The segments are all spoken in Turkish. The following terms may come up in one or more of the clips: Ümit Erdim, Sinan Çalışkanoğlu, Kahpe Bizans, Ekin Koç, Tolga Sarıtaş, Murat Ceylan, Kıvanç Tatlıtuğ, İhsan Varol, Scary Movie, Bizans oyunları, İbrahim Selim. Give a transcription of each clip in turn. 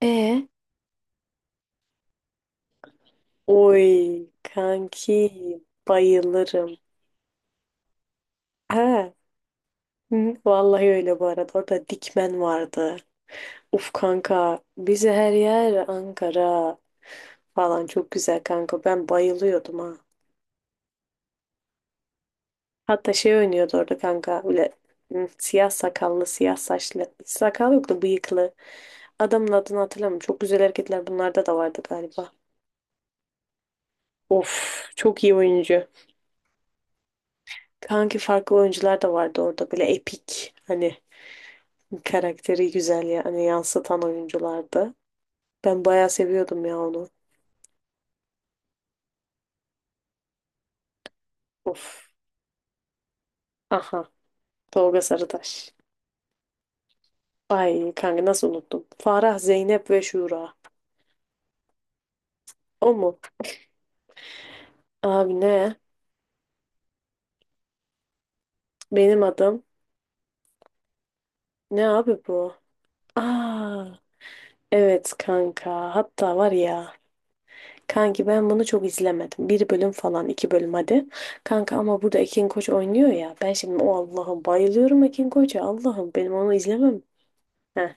E Oy kanki bayılırım. Ha, hı, vallahi öyle bu arada. Orada Dikmen vardı. Uf kanka bize her yer Ankara falan çok güzel kanka. Ben bayılıyordum ha. Hatta şey oynuyordu orada kanka böyle hı, siyah sakallı siyah saçlı. Sakal yoktu bıyıklı. Adamın adını hatırlamıyorum. Çok güzel hareketler bunlarda da vardı galiba. Of çok iyi oyuncu. Kanki farklı oyuncular da vardı orada böyle epik. Hani karakteri güzel yani yansıtan oyunculardı. Ben bayağı seviyordum ya onu. Of. Aha. Tolga Sarıtaş. Ay kanka nasıl unuttum. Farah, Zeynep ve Şura. O mu? Abi ne? Benim adım. Ne abi bu? Aa. Evet kanka. Hatta var ya. Kanki ben bunu çok izlemedim. Bir bölüm falan, iki bölüm hadi. Kanka ama burada Ekin Koç oynuyor ya. Ben şimdi o Allah'ım bayılıyorum Ekin Koç'a. Allah'ım benim onu izlemem. Heh.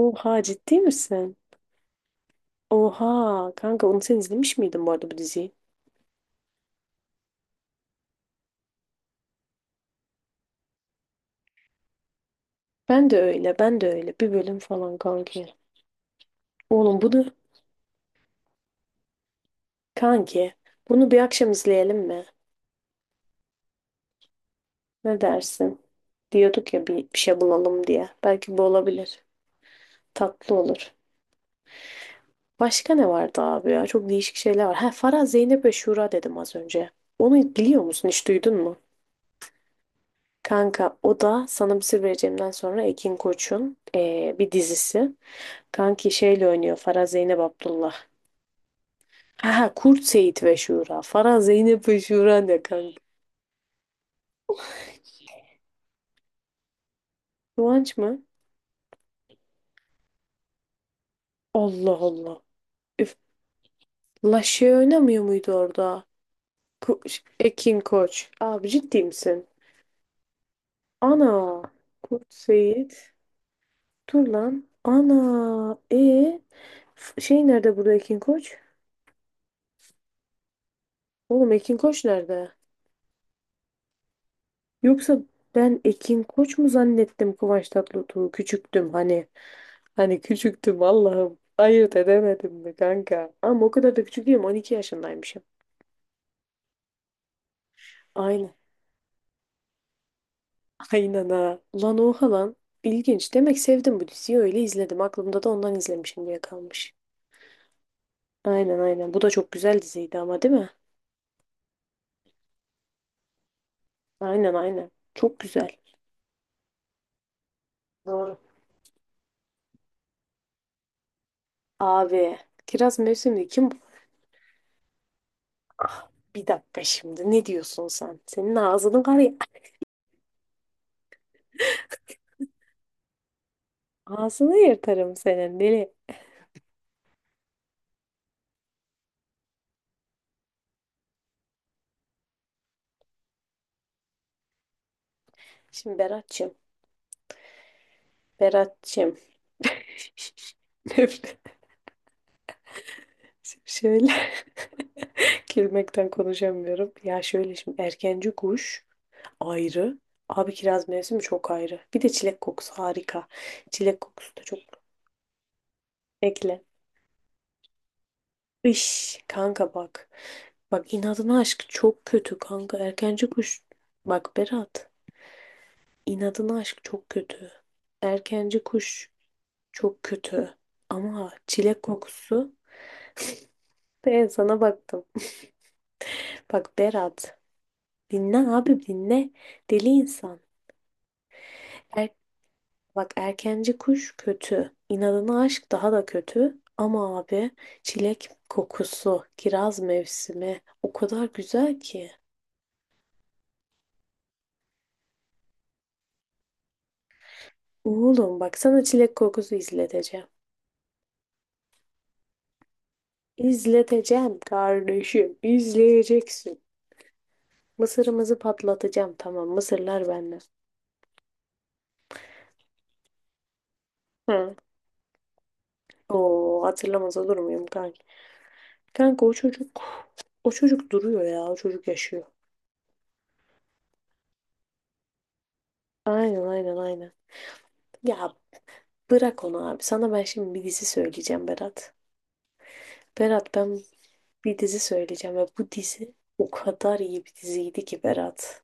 Oha ciddi misin? Oha kanka onu sen izlemiş miydin bu arada bu diziyi? Ben de öyle ben de öyle bir bölüm falan kanki. Oğlum bunu kanki bunu bir akşam izleyelim mi? Ne dersin? Diyorduk ya bir şey bulalım diye. Belki bu olabilir. Tatlı olur. Başka ne vardı abi ya? Çok değişik şeyler var. Ha Farah, Zeynep ve Şura dedim az önce. Onu biliyor musun? Hiç duydun mu? Kanka o da sana bir sır vereceğimden sonra Ekin Koç'un bir dizisi. Kanki şeyle oynuyor Farah Zeynep Abdullah. Ha, Kurt Seyit ve Şura. Farah Zeynep ve Şura ne kanka? Kıvanç mı? Allah Allah. Üf. La şey oynamıyor muydu orada? Ko- Ekin Koç. Abi ciddi misin? Ana. Kurt Seyit. Dur lan. Ana. Şey nerede burada Ekin Koç? Oğlum Ekin Koç nerede? Yoksa ben Ekin Koç mu zannettim Kıvanç Tatlıtuğ'u? Küçüktüm hani. Hani küçüktüm Allah'ım. Ayırt edemedim mi kanka? Ama o kadar da küçük değilim. 12 yaşındaymışım. Aynen. Aynen ha. Lan oha lan. İlginç. Demek sevdim bu diziyi öyle izledim. Aklımda da ondan izlemişim diye kalmış. Aynen, aynen. Bu da çok güzel diziydi ama değil mi? Aynen, aynen. Çok güzel. Doğru. Abi. Kiraz mevsimli kim bu? Bir dakika şimdi. Ne diyorsun sen? Senin ağzını var ya. Ağzını yırtarım senin deli. Şimdi Berat'cığım. Berat'cığım. Nefret. Şöyle gülmekten konuşamıyorum. Ya şöyle şimdi erkenci kuş ayrı. Abi kiraz mevsimi çok ayrı. Bir de çilek kokusu harika. Çilek kokusu da çok ekle. Iş kanka bak. Bak inadına aşk çok kötü kanka. Erkenci kuş. Bak Berat, inadına aşk çok kötü. Erkenci kuş çok kötü. Ama çilek kokusu. Ben sana baktım. Bak Berat. Dinle abi dinle. Deli insan. Bak erkenci kuş kötü. İnadına aşk daha da kötü. Ama abi çilek kokusu, kiraz mevsimi o kadar güzel ki. Oğlum bak sana çilek kokusu izleteceğim. İzleteceğim kardeşim. İzleyeceksin. Mısırımızı patlatacağım tamam. Mısırlar benden. Hı. Oo hatırlamaz olur muyum kanka? Kanka o çocuk o çocuk duruyor ya. O çocuk yaşıyor. Aynen, aynen, aynen. Ya bırak onu abi. Sana ben şimdi bir dizi söyleyeceğim Berat. Berat ben bir dizi söyleyeceğim ve bu dizi o kadar iyi bir diziydi ki Berat.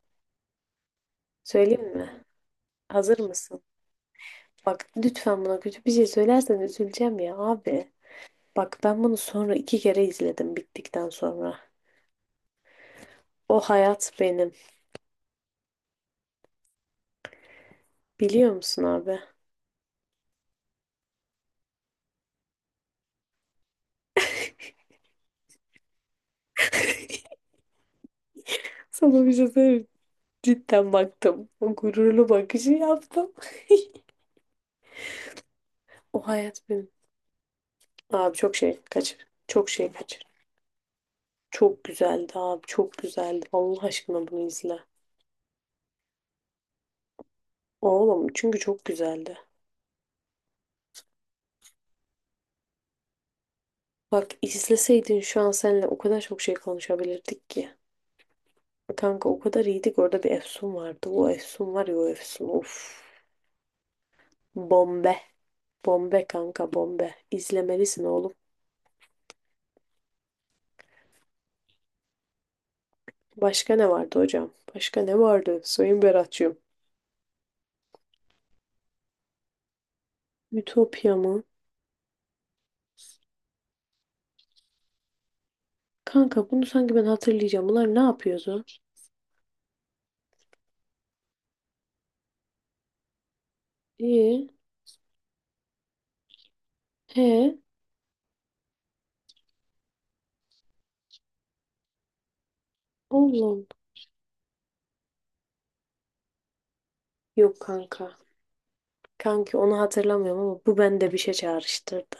Söyleyeyim mi? Hazır mısın? Bak lütfen buna kötü bir şey söylersen üzüleceğim ya abi. Bak ben bunu sonra iki kere izledim bittikten sonra. O hayat benim. Biliyor musun abi? Sana bir şey söyleyeyim mi? Cidden baktım. O gururlu bakışı yaptım. O hayat benim. Abi çok şey kaçır. Çok şey kaçır. Çok güzeldi abi. Çok güzeldi. Allah aşkına bunu izle. Oğlum çünkü çok güzeldi. Bak izleseydin şu an seninle o kadar çok şey konuşabilirdik ki. Kanka o kadar iyiydik orada bir Efsun vardı. O Efsun var ya o Efsun. Of. Bombe. Bombe kanka bombe. İzlemelisin oğlum. Başka ne vardı hocam? Başka ne vardı Sayın Berat'cığım? Ütopya mı? Kanka bunu sanki ben hatırlayacağım. Bunlar ne yapıyordu? İyi. He. Oğlum. Yok kanka. Kanki onu hatırlamıyorum ama bu bende bir şey çağrıştırdı.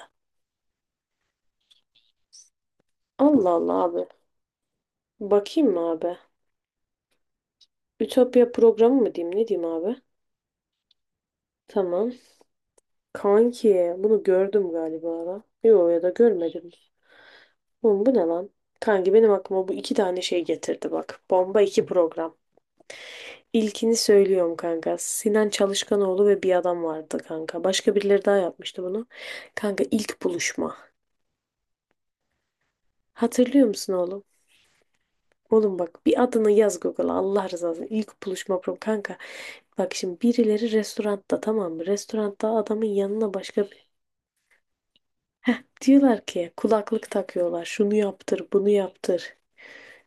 Allah Allah abi. Bakayım mı abi? Ütopya programı mı diyeyim ne diyeyim abi? Tamam. Kanki bunu gördüm galiba lan. Yo ya da görmedim. Oğlum bu ne lan? Kanki benim aklıma bu iki tane şey getirdi bak. Bomba iki program. İlkini söylüyorum kanka. Sinan Çalışkanoğlu ve bir adam vardı kanka. Başka birileri daha yapmıştı bunu. Kanka ilk buluşma. Hatırlıyor musun oğlum? Oğlum bak bir adını yaz Google'a Allah razı olsun. İlk buluşma programı kanka. Bak şimdi birileri restoranda tamam mı? Restoranda adamın yanına başka heh, diyorlar ki kulaklık takıyorlar. Şunu yaptır, bunu yaptır.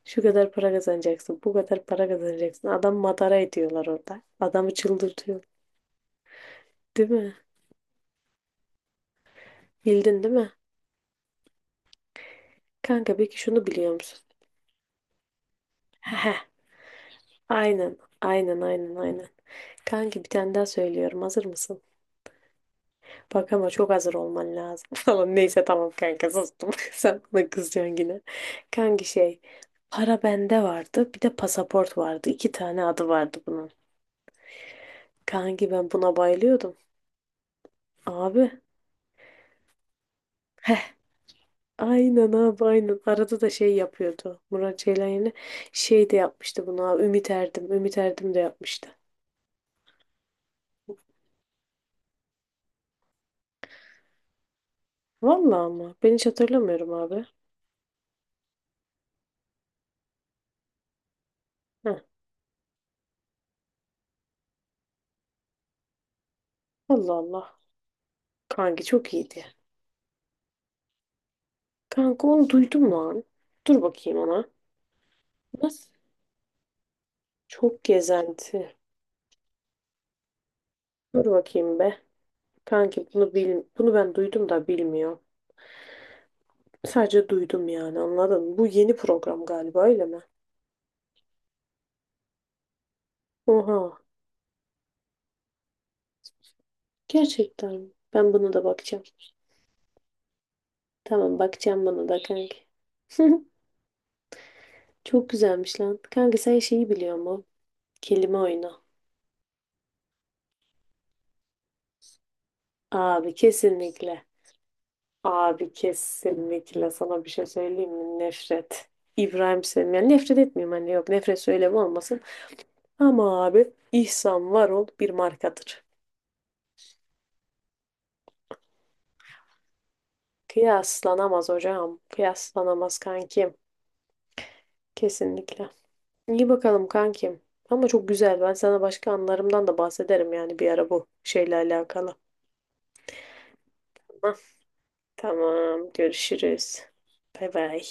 Şu kadar para kazanacaksın, bu kadar para kazanacaksın. Adam madara ediyorlar orada. Adamı çıldırtıyor. Değil mi? Bildin değil mi? Kanka peki şunu biliyor musun? Heh, aynen, aynen, aynen, aynen. Kanki bir tane daha söylüyorum. Hazır mısın? Bak ama çok hazır olman lazım falan. Neyse tamam kanka sustum. Sen bana kızacaksın yine. Kanki para bende vardı. Bir de pasaport vardı. İki tane adı vardı bunun. Kanki ben buna bayılıyordum. Abi. Heh. Aynen abi aynen. Arada da şey yapıyordu. Murat Ceylan yine şey de yapmıştı bunu abi. Ümit Erdim. Ümit Erdim de yapmıştı. Vallahi ama ben hiç hatırlamıyorum abi. Heh. Allah Allah. Kanki çok iyiydi. Kanka onu duydum lan. Dur bakayım ona. Nasıl? Çok gezenti. Dur bakayım be. Kanki bunu bil bunu ben duydum da bilmiyorum. Sadece duydum yani anladın mı? Bu yeni program galiba öyle mi? Oha. Gerçekten mi? Ben buna da bakacağım. Tamam bakacağım buna da kanki. Çok güzelmiş lan. Kanka sen şeyi biliyor mu? Kelime oyunu. Abi kesinlikle. Abi kesinlikle sana bir şey söyleyeyim mi? Nefret. İbrahim Selim. Yani nefret etmiyorum hani yok nefret söylevi olmasın. Ama abi İhsan Varol bir markadır. Kıyaslanamaz hocam. Kıyaslanamaz kankim. Kesinlikle. İyi bakalım kankim. Ama çok güzel. Ben sana başka anılarımdan da bahsederim yani bir ara bu şeyle alakalı. Hah, tamam, görüşürüz. Bay bay.